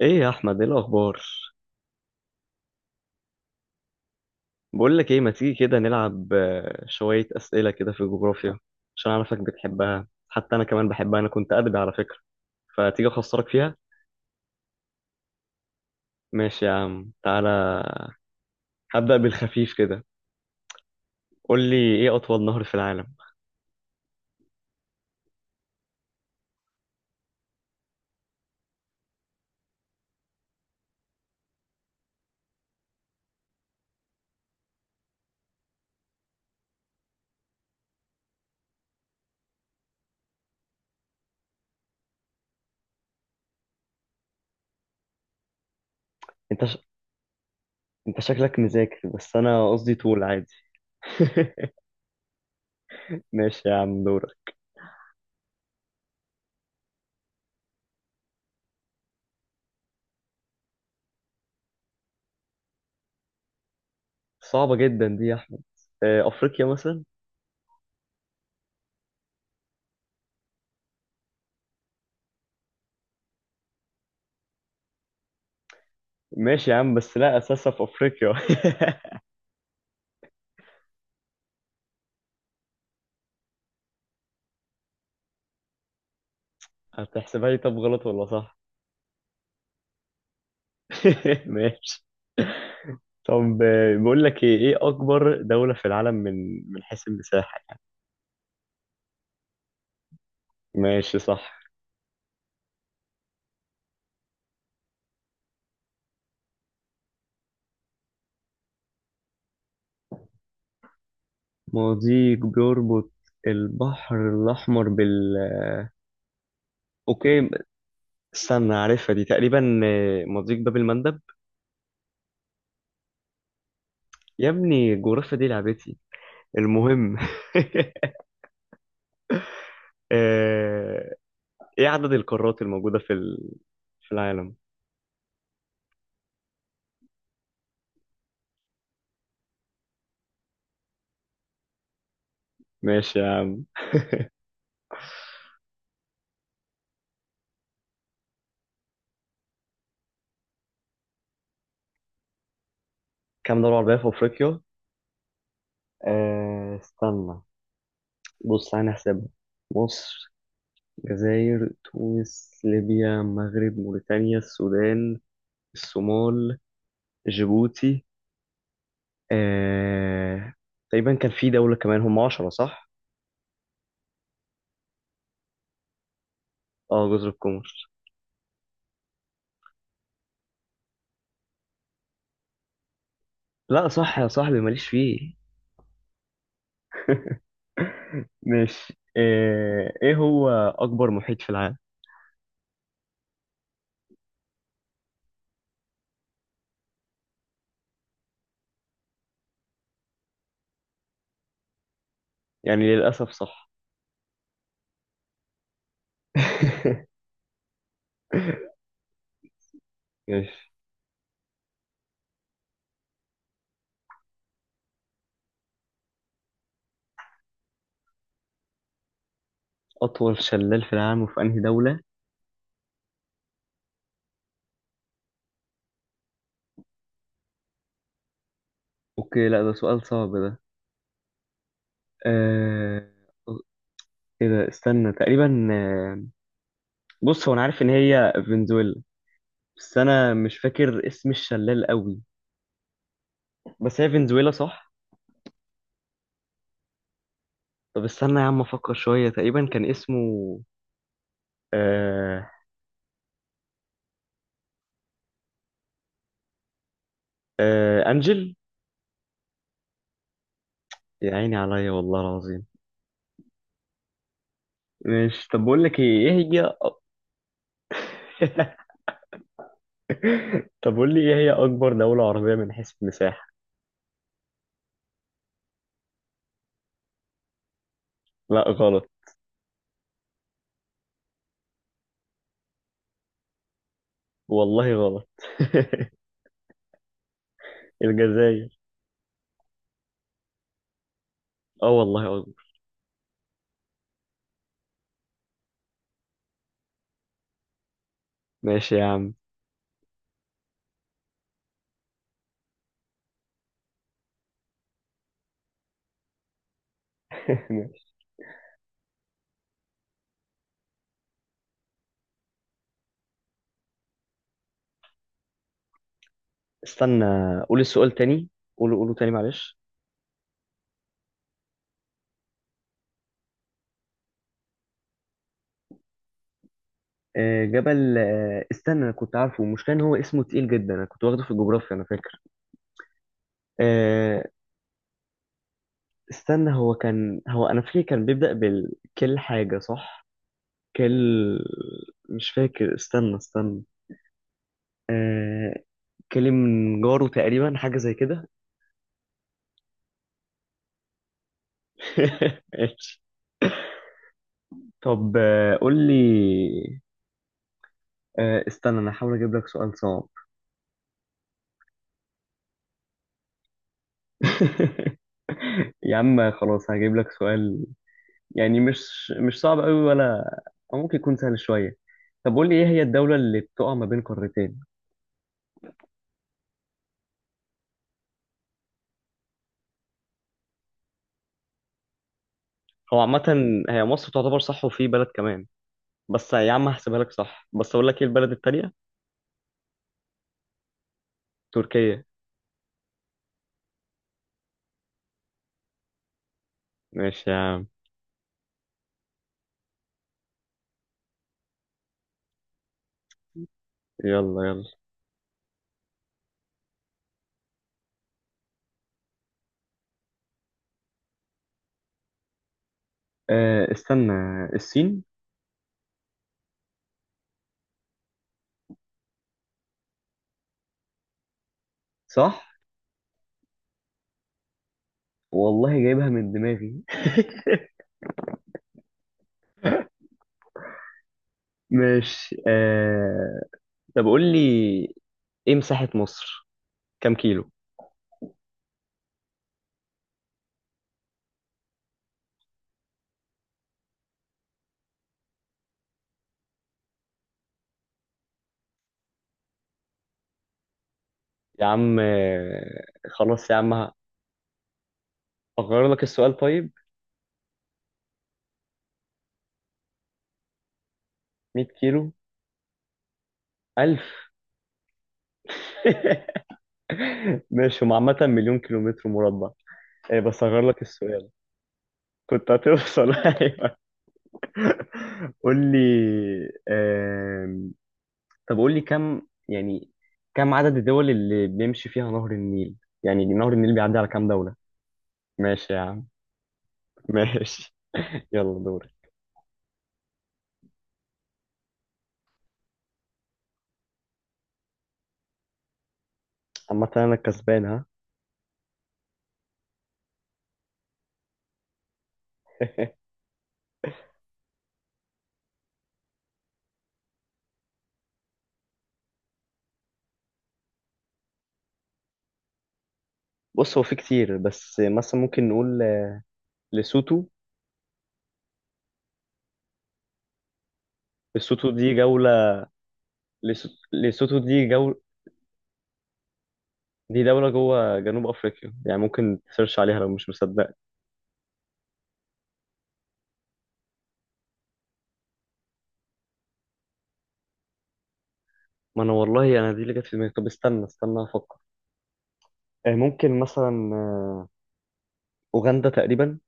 ايه يا احمد، ايه الاخبار؟ بقول لك ايه، ما تيجي كده نلعب شويه اسئله كده في الجغرافيا عشان اعرفك بتحبها، حتى انا كمان بحبها. انا كنت ادبي على فكره، فتيجي اخسرك فيها. ماشي يا عم تعالى. هبدا بالخفيف كده. قول لي ايه اطول نهر في العالم؟ انت ش... انت شكلك مذاكر بس انا قصدي طول عادي. ماشي يا عم، دورك. صعبه جدا دي يا احمد. افريقيا مثلا. ماشي يا عم، بس لا اساسها في افريقيا. هتحسبها لي؟ طب غلط ولا صح؟ ماشي. طب بقول لك ايه اكبر دولة في العالم من من حيث المساحة؟ ماشي صح. مضيق بيربط البحر الأحمر بال أوكي، استنى، عارفها دي تقريبا، مضيق باب المندب. يا ابني الجغرافيا دي لعبتي. المهم آه، إيه عدد القارات الموجودة في في العالم؟ ماشي يا عم. كام دولة عربية في أفريقيا؟ استنى، بص أنا هحسبها. مصر، الجزائر، تونس، ليبيا، المغرب، موريتانيا، السودان، الصومال، جيبوتي، آه... تقريبا كان في دولة كمان، هم عشرة صح؟ اه جزر القمر. لا صح يا صاحبي، ماليش فيه. ماشي ايه هو أكبر محيط في العالم؟ يعني للأسف صح. ماشي. أطول شلال في العالم وفي أنهي دولة؟ اوكي لا ده سؤال صعب ده. آه... ايه ده، استنى تقريبا، بص هو انا عارف ان هي فنزويلا، بس انا مش فاكر اسم الشلال قوي. بس هي فنزويلا صح. طب استنى يا عم افكر شويه، تقريبا كان اسمه آه آه انجل. يا عيني عليا والله العظيم. مش طب بقول لك ايه، ايه هي؟ طب قول لي ايه هي اكبر دوله عربيه من حيث المساحه؟ لا غلط. والله غلط. الجزائر. اه والله اكبر. ماشي يا عم. ماشي. استنى، قول السؤال تاني. قوله تاني معلش. جبل استنى، انا كنت عارفه، المشكله ان هو اسمه تقيل جدا، انا كنت واخده في الجغرافيا انا فاكر. آه، استنى هو كان، هو انا فاكر كان بيبدا بالكل حاجه صح. كل، مش فاكر، استنى استنى، آه، كلم جاره تقريبا، حاجه زي كده. ماشي. طب قول لي، استنى انا هحاول اجيب لك سؤال صعب. يا عم خلاص هجيب لك سؤال، يعني مش صعب قوي ولا، أو ممكن يكون سهل شوية. طب قول لي إيه هي الدولة اللي بتقع ما بين قارتين؟ هو عامة هي مصر تعتبر صح وفي بلد كمان، بس يا عم هحسبها لك صح، بس أقول لك إيه البلد التانية. تركيا. ماشي يا عم. يلا يلا. أه استنى، الصين. صح، والله جايبها من دماغي. ماشي طب قول لي ايه مساحة مصر؟ كام كيلو؟ يا عم خلاص يا عم هغير لك السؤال طيب. 100 كيلو. ألف. ماشي، هم عامة مليون كيلومتر مربع. إيه بس هغير لك السؤال. كنت هتوصل. أيوة قول لي. آم، طب قول لي كم، يعني كم عدد الدول اللي بيمشي فيها نهر النيل؟ يعني نهر النيل بيعدي على كام دولة؟ ماشي يا عم. ماشي يلا دوري. عامة أنا الكسبان، ها. بص هو في كتير، بس مثلا ممكن نقول لسوتو. لسوتو دي جولة. لسوتو دي جولة، دي دولة جوه جنوب أفريقيا، يعني ممكن تسيرش عليها لو مش مصدق. ما أنا والله أنا دي اللي جت في دماغي. طب استنى استنى أفكر. ممكن مثلا أوغندا تقريبا.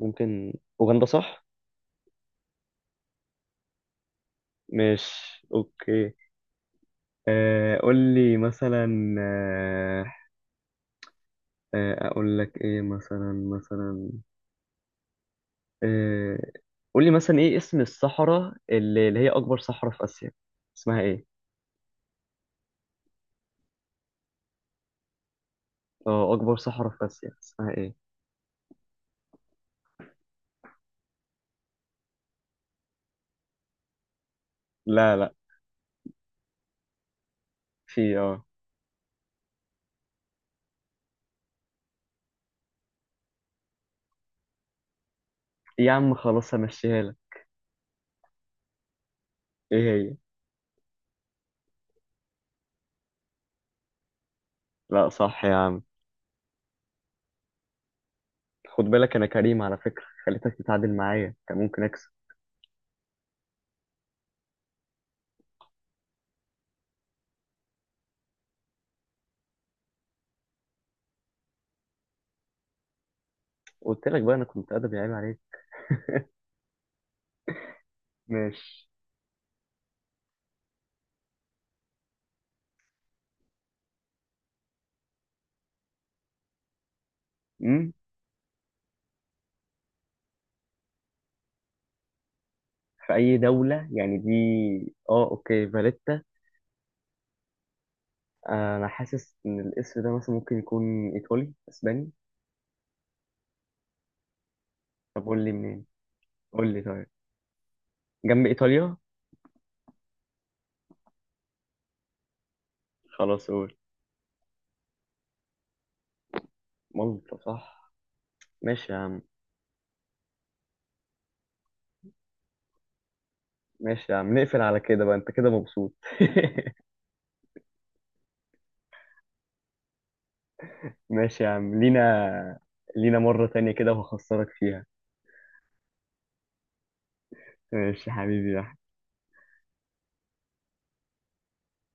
ممكن. أوغندا صح؟ مش، أوكي. قول لي مثلا، آه، أقول لك إيه مثلا، آه، قول لي مثلا إيه اسم الصحراء اللي هي أكبر صحراء في آسيا، اسمها إيه؟ أه أكبر صحراء في آسيا اسمها إيه؟ لا، في أه، إيه يا عم خلاص همشيها لك. إيه هي؟ لا صح يا عم. خد بالك انا كريم على فكرة، خليتك تتعادل معايا، كان ممكن اكسب. قلت لك بقى، انا كنت ادبي، عيب عليك. ماشي. امم في اي دولة يعني دي؟ اه اوكي، فاليتا. انا حاسس ان الاسم ده مثلا ممكن يكون ايطالي، اسباني. طب قول لي منين. قول لي طيب، جنب ايطاليا. خلاص قول. مالطا صح. ماشي يا عم. ماشي يا عم، نقفل على كده بقى، انت كده مبسوط. ماشي يا عم، لينا. لينا مرة تانية كده وهخسرك فيها. ماشي يا حبيبي يا أحمد.